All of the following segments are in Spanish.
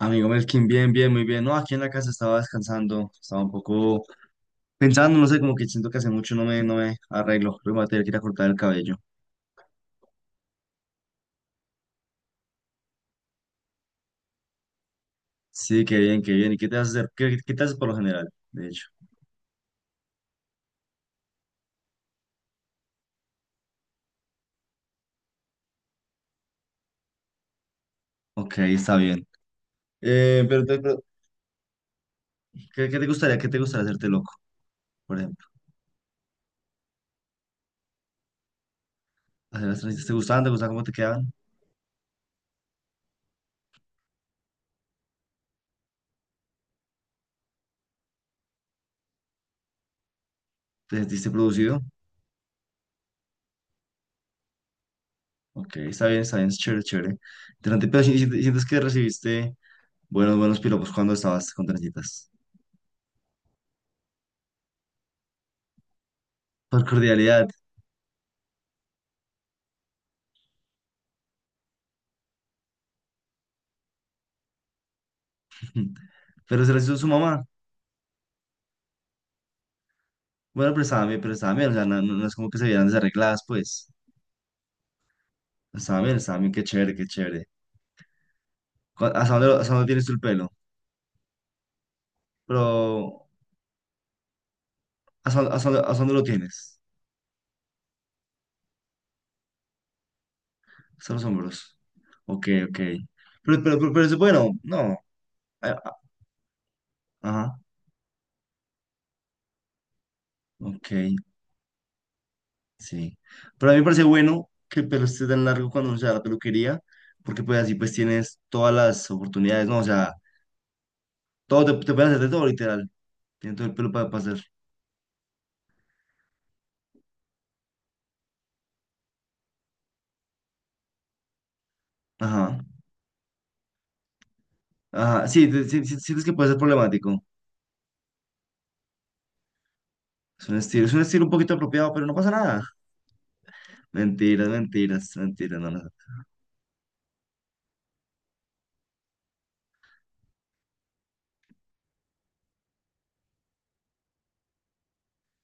Amigo Melkin, bien, bien, muy bien. No, aquí en la casa estaba descansando, estaba un poco pensando, no sé, como que siento que hace mucho no me arreglo. Luego me voy a tener que ir a cortar el cabello. Sí, qué bien, qué bien. ¿Y qué te vas haces, qué te haces por lo general, de hecho? Ok, está bien. Pero, pero, qué te gustaría hacerte loco, por ejemplo? ¿Hacer las transiciones? ¿Te gustaban? ¿Te gustaban cómo te quedaban? ¿Te sentiste producido? Ok, está bien, es chévere, chévere. Interesante, pero sientes que recibiste buenos, buenos piropos cuando estabas con trencitas. Por cordialidad. Pero se lo hizo su mamá. Bueno, pero estaba bien, o sea, no es como que se vieran desarregladas, pues. Estaba bien, qué chévere, qué chévere. ¿Hasta dónde, hasta dónde tienes tú el pelo? Pero, hasta dónde lo tienes? Hasta los hombros. Ok, ok. Pero es bueno, no. a- a- Ajá, ok, sí. Pero a mí me parece bueno que el pelo esté tan largo cuando uno se da la peluquería, porque pues así pues tienes todas las oportunidades, ¿no? O sea, todo te pueden hacer de todo, literal. Tienes todo el pelo para pasar. Ajá. Ajá, sí, sí, sí, sientes que puede ser problemático. Es un estilo un poquito apropiado, pero no pasa nada. Mentiras, mentiras, mentiras, no, no.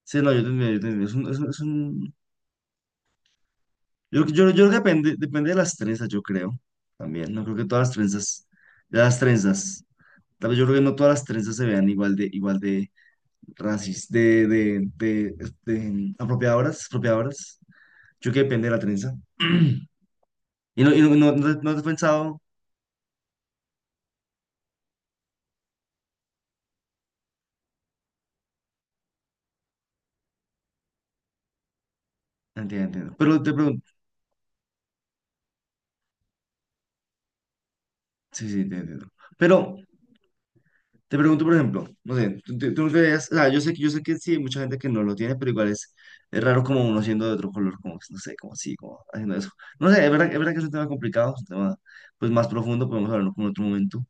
Sí, no, yo te entiendo, yo te entiendo. Es un, es un, es un- yo creo que depende, depende de las trenzas, yo creo. También, no creo que todas las trenzas, de las trenzas, tal vez yo creo que no todas las trenzas se vean igual de racis, de apropiadoras, apropiadoras. Yo creo que depende de la trenza. Y no has pensado. Entiendo, entiendo. Pero te pregunto, sí, sí, te entiendo. Pero te pregunto, por ejemplo, no sé, tú creías, o sea, yo sé que sí, hay mucha gente que no lo tiene, pero igual es raro como uno siendo de otro color, como, no sé, como así, como haciendo eso. No sé, es verdad que es un tema complicado, es un tema pues más profundo, podemos hablarlo como en otro momento.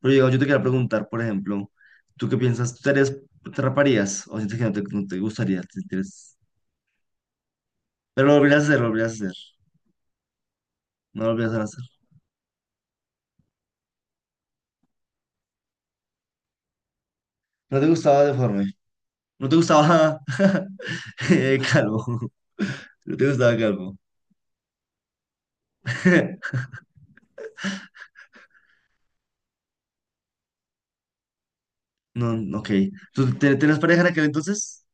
Pero digamos, yo te quería preguntar, por ejemplo, ¿tú qué piensas? ¿Tú te raparías? ¿O sientes que no te gustaría? Pero lo volverías a hacer, lo volverías a hacer, no lo volverías a hacer. No te gustaba deforme, no te gustaba calvo, no te gustaba calvo. No, ok. ¿Tú tenías pareja en aquel entonces?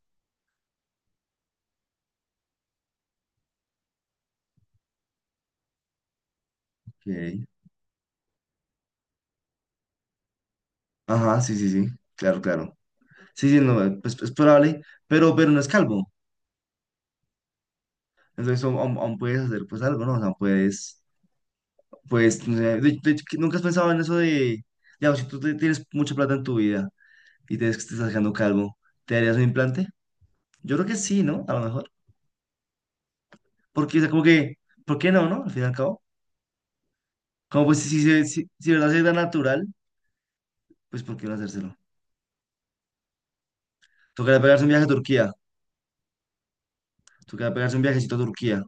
Ok. Ajá, sí, sí, sí. Claro, claro. Sí, sí, no, pues es probable, pero no es calvo. Entonces aún puedes hacer pues algo, ¿no? O sea, puedes, pues, no sé, de hecho, que ¿nunca has pensado en eso de, digamos, si tienes mucha plata en tu vida y te ves que te estás quedando calvo, ¿te harías un implante? Yo creo que sí, ¿no? A lo mejor. Porque, o sea, como que, ¿por qué no, no? Al fin y al cabo. Como pues si de verdad se da natural, pues ¿por qué no hacérselo? Tocaría pegarse un viaje a Turquía. Tocaría pegarse un viajecito a Turquía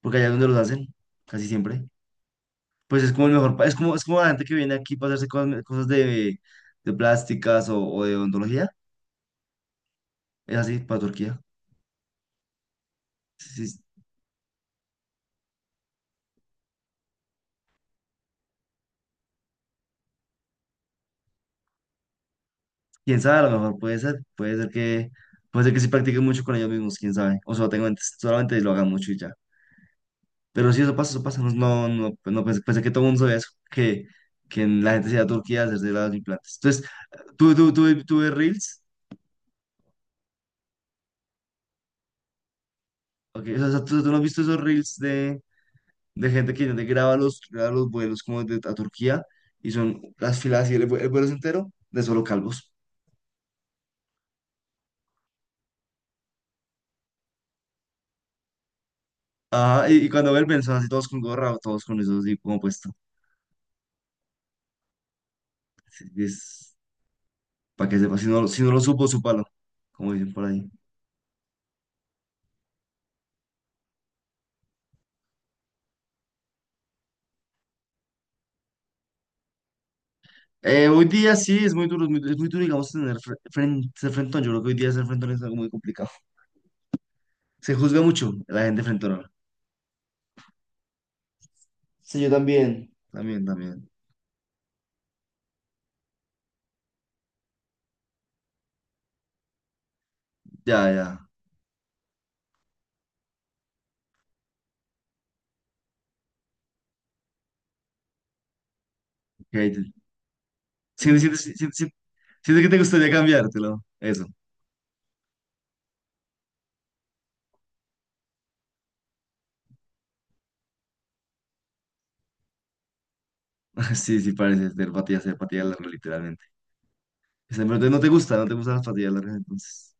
porque allá es donde los hacen, casi siempre. Pues es como el mejor, es como la gente que viene aquí para hacerse cosas, cosas de plásticas o de odontología, es así para Turquía. Sí, sí, quién sabe, a lo mejor puede ser que sí practiquen mucho con ellos mismos, quién sabe, o solo solamente lo hagan mucho y ya. Pero sí, eso pasa, no, no, no, pues no pensé, pensé que todo el mundo sabía eso, que la gente se iba a Turquía a hacerse los implantes. Entonces, tú ves Reels, ok, o sea, tú no has visto esos Reels de gente que graba los vuelos como de, a Turquía y son las filas y el, el vuelo es entero de solo calvos. Ajá, y cuando vuelven son así todos con gorra, todos con eso así como puesto. Es, para que sepa, si no, si no lo supo, súpalo, como dicen por ahí. Hoy día sí, es muy duro, digamos, tener ser frentón. Yo creo que hoy día ser frentón es algo muy complicado. Se juzga mucho la gente frentona. Sí, yo también. También, también. Ya, ya. Ok, sientes, sientes, sientes que te gustaría cambiártelo. Eso. Sí, sí, parece ser patillas largas, literalmente. O pero entonces no te gusta, no te gustan las patillas largas, entonces.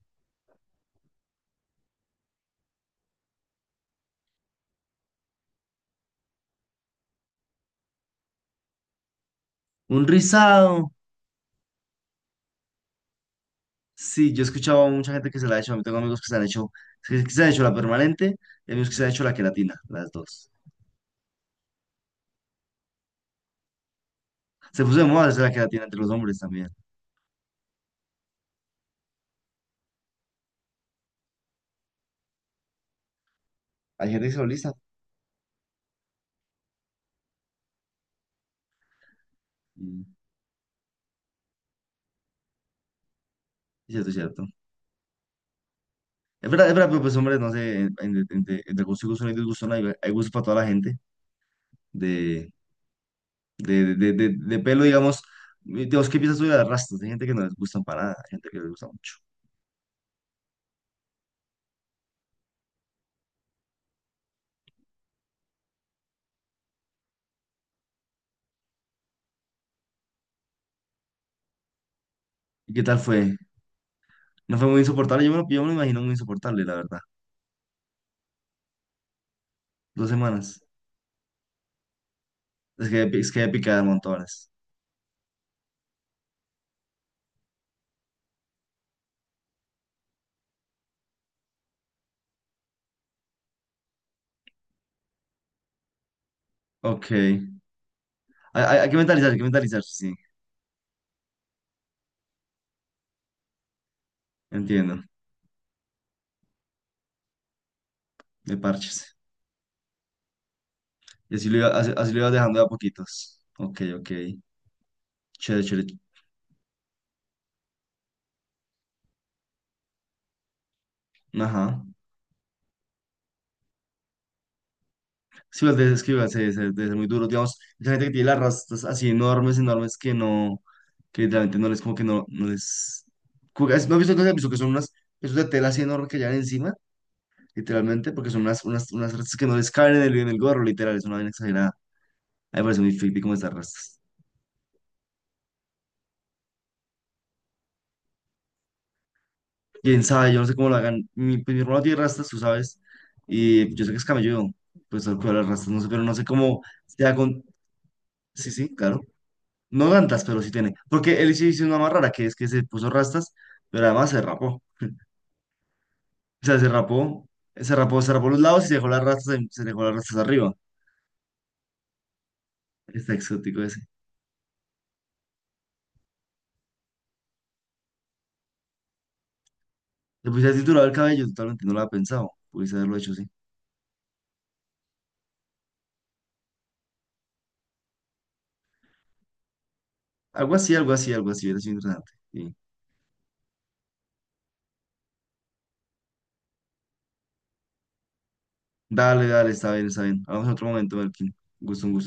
Un rizado. Sí, yo he escuchado a mucha gente que se la ha hecho. A mí tengo amigos que se han hecho, que se han hecho la permanente y amigos que se han hecho la queratina, las dos. Se puso de moda hacer la queratina entre los hombres también. Hay gente que se lo lisa. Y cierto, cierto. Es verdad, pero pues hombres, no sé, entre, entre gusto y gusto no hay disgusto, no hay, hay gusto para toda la gente. De, de pelo, digamos. Dios, ¿qué piensas tú de las rastas? Hay gente que no les gustan para nada, hay gente que les gusta mucho. ¿Y qué tal fue? No fue muy insoportable, yo me, yo me lo imagino muy insoportable, la verdad. Dos semanas. Es que picada de montones. Ok. Hay, hay que mentalizar, sí. Entiendo. De parches. Y así lo iba, así, así lo ibas dejando de a poquitos. Ok, ok. Chévere, chévere. Ajá. Sí, pues, es que igual debe ser muy duro. Digamos, esa gente que tiene las rastas así enormes, enormes que no, que literalmente no les, como que no, no les. Como que- ¿No has visto que, has visto que son unas, esos de tela así enormes que llevan encima? Literalmente, porque son unas, unas rastas que no les caben en el gorro, literal, es una vaina exagerada. A mí me parece muy creepy como estas rastas. Quién sabe, yo no sé cómo lo hagan. Mi, pues, mi hermano tiene rastas, tú sabes, y yo sé que es camelludo, pues al cual las rastas, no sé, pero no sé cómo sea con. Sí, sí, claro. No tantas, pero sí tiene. Porque él sí hizo una más rara, que es que se puso rastas, pero además se rapó. O sea, se rapó, se rapó los lados y se dejó las rastas, se dejó las rastas arriba. Está exótico ese. Le puse a titular el cabello, totalmente no lo había pensado. Pudiese haberlo hecho, sí. Algo así, algo así, algo así, hubiera sido interesante. Sí. Dale, dale, está bien, está bien. Hablamos en otro momento, Melkin. Gusto, un gusto.